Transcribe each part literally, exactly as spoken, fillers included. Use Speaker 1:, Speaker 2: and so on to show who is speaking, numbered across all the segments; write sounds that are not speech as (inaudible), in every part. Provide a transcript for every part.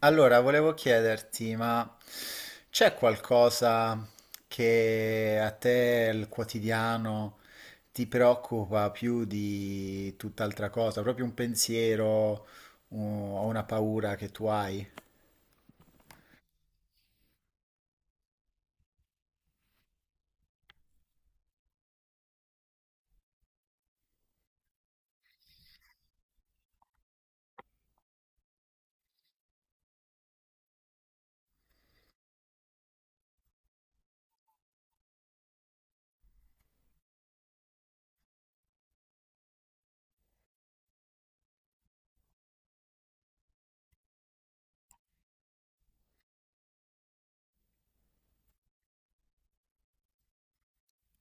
Speaker 1: Allora, volevo chiederti, ma c'è qualcosa che a te il quotidiano ti preoccupa più di tutt'altra cosa? Proprio un pensiero un- o una paura che tu hai?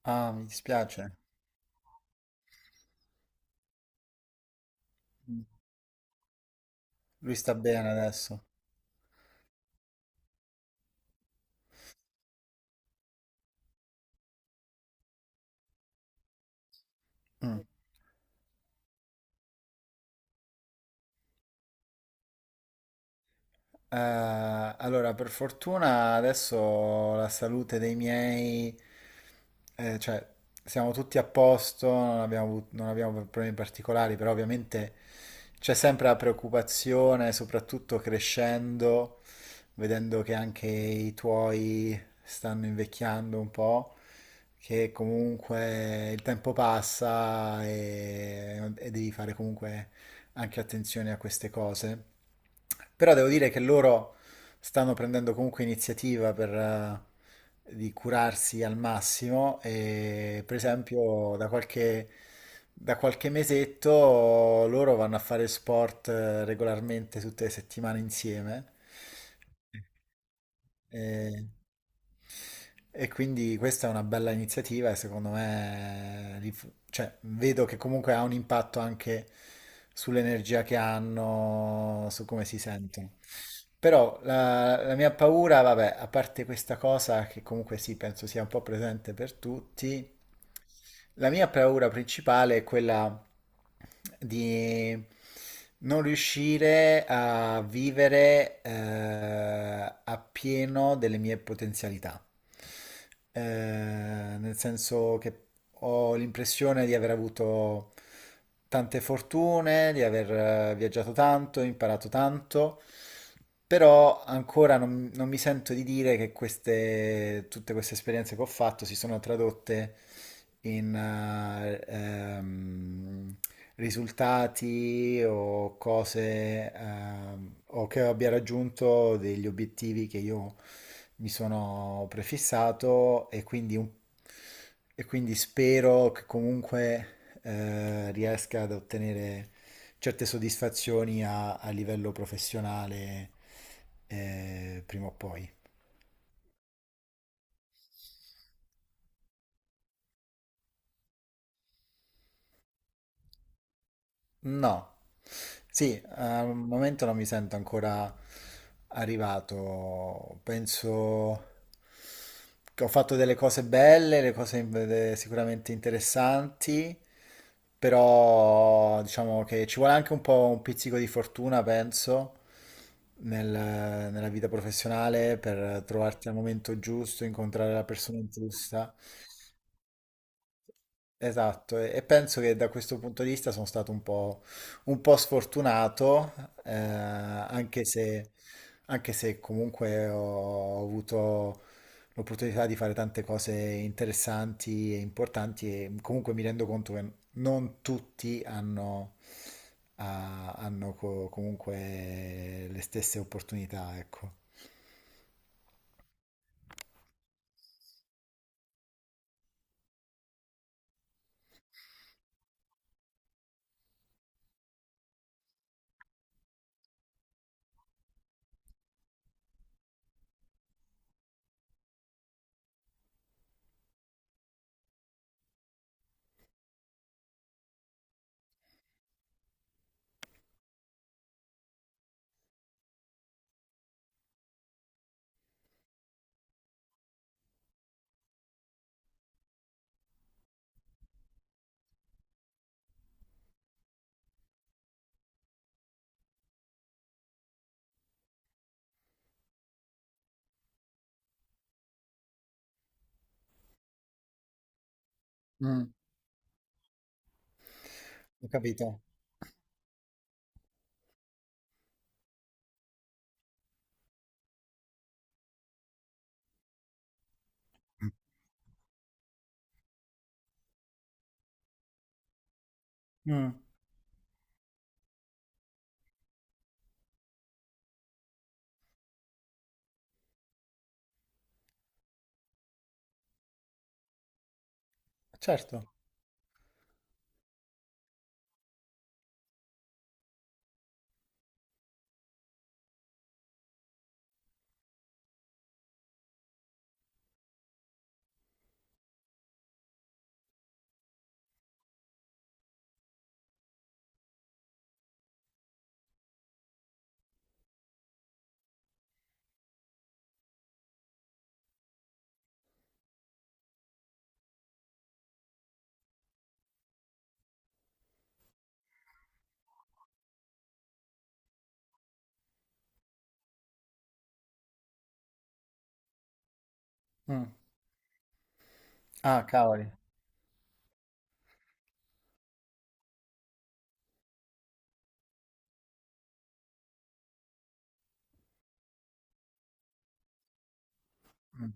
Speaker 1: Ah, mi dispiace. Lui sta bene adesso. Mm. Eh, allora, per fortuna adesso la salute dei miei, eh, cioè siamo tutti a posto, non abbiamo, avut- non abbiamo problemi particolari, però ovviamente c'è sempre la preoccupazione, soprattutto crescendo, vedendo che anche i tuoi stanno invecchiando un po', che comunque il tempo passa e, e devi fare comunque anche attenzione a queste cose. Però devo dire che loro stanno prendendo comunque iniziativa per, eh, di curarsi al massimo e per esempio da qualche, da qualche mesetto loro vanno a fare sport eh, regolarmente tutte le settimane insieme. E, e quindi questa è una bella iniziativa e secondo me li cioè, vedo che comunque ha un impatto anche sull'energia che hanno, su come si sentono. Però la, la mia paura, vabbè, a parte questa cosa che comunque sì, penso sia un po' presente per tutti, la mia paura principale è quella di non riuscire a vivere eh, appieno delle mie potenzialità, eh, nel senso che ho l'impressione di aver avuto tante fortune, di aver eh, viaggiato tanto, imparato tanto, però ancora non, non mi sento di dire che queste, tutte queste esperienze che ho fatto si sono tradotte in eh, ehm, risultati o cose ehm, o che abbia raggiunto degli obiettivi che io mi sono prefissato e quindi, un- e quindi spero che comunque eh, riesca ad ottenere certe soddisfazioni a, a livello professionale, eh, prima o poi. No, sì, al momento non mi sento ancora arrivato. Penso che ho fatto delle cose belle, le cose in- de- sicuramente interessanti, però diciamo che ci vuole anche un po' un pizzico di fortuna, penso, nel- nella vita professionale per trovarti al momento giusto, incontrare la persona giusta. Esatto, e e penso che da questo punto di vista sono stato un po', un po' sfortunato, eh, anche se, anche se comunque ho avuto l'opportunità di fare tante cose interessanti e importanti e comunque mi rendo conto che non tutti hanno, ha- hanno co- comunque le stesse opportunità, ecco. Mm. Ho capito? Mm. Mm, certo. Mm. Ah, cavoli. Mm.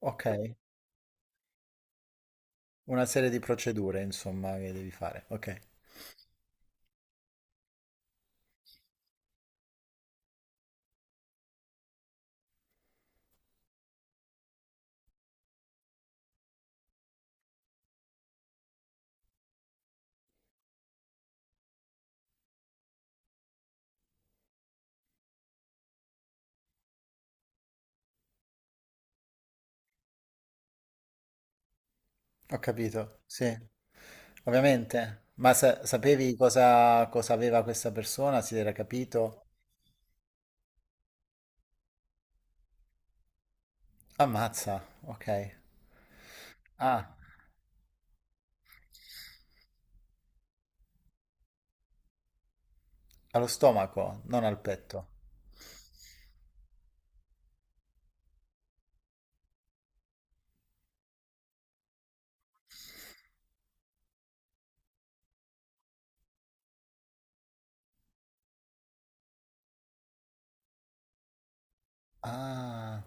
Speaker 1: Ok. Una serie di procedure, insomma, che devi fare. Ok, ho capito. Sì, ovviamente. Ma sa- sapevi cosa, cosa aveva questa persona? Si era capito? Ammazza, ok. Ah, allo stomaco, non al petto. Ah,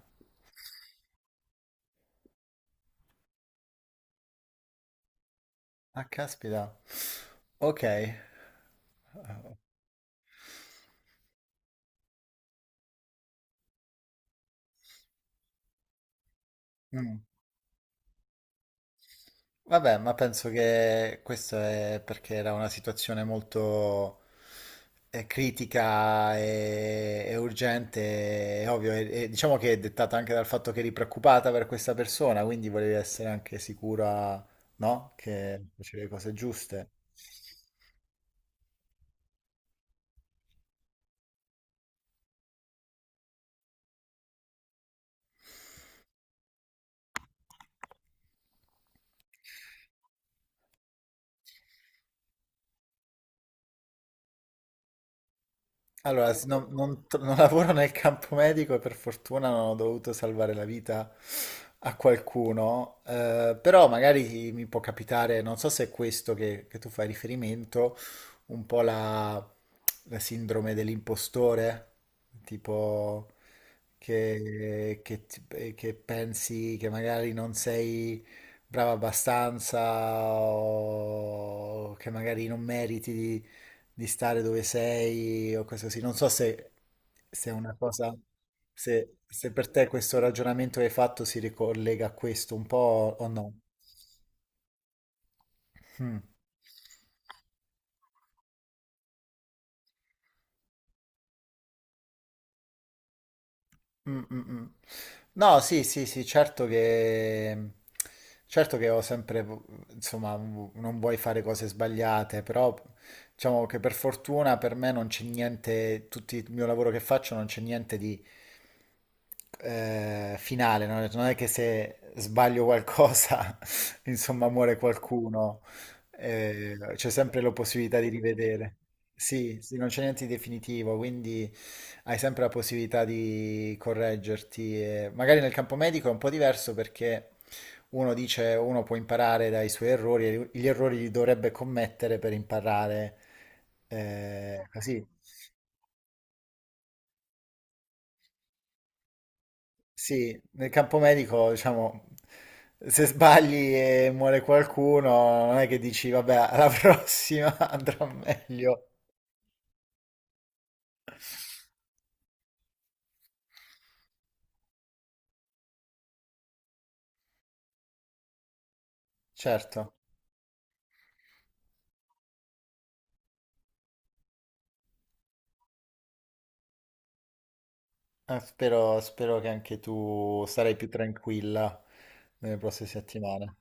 Speaker 1: ah, caspita. Ok. Mm. Vabbè, ma penso che questo è perché era una situazione molto eh, critica e, e urgente, è ovvio, e, e diciamo che è dettata anche dal fatto che eri preoccupata per questa persona, quindi volevi essere anche sicura, no? Che facevi le cose giuste. Allora, s- non, non tr- non lavoro nel campo medico e per fortuna non ho dovuto salvare la vita a qualcuno, eh, però magari mi può capitare, non so se è questo che, che tu fai riferimento, un po' la, la sindrome dell'impostore, tipo che, che ti- che pensi che magari non sei brava abbastanza o che magari non meriti di, di stare dove sei o cose così. Non so se, se è una cosa, se, se per te questo ragionamento che hai fatto si ricollega a questo un po' o no. Mm. Mm, mm, mm. No, sì, sì, sì, certo che, certo che ho sempre, insomma, vu- non vuoi fare cose sbagliate, però diciamo che per fortuna per me non c'è niente, tutto il mio lavoro che faccio non c'è niente di, eh, finale, no? Ho detto, non è che se sbaglio qualcosa, (laughs) insomma, muore qualcuno, eh, c'è sempre la possibilità di rivedere. Sì, sì, non c'è niente di definitivo, quindi hai sempre la possibilità di correggerti. E magari nel campo medico è un po' diverso perché uno dice, uno può imparare dai suoi errori, e gli errori li dovrebbe commettere per imparare. Eh, così. Sì, nel campo medico, diciamo, se sbagli e muore qualcuno, non è che dici, vabbè, alla (laughs) prossima andrà meglio. Certo, Eh, spero, spero che anche tu sarai più tranquilla nelle prossime settimane.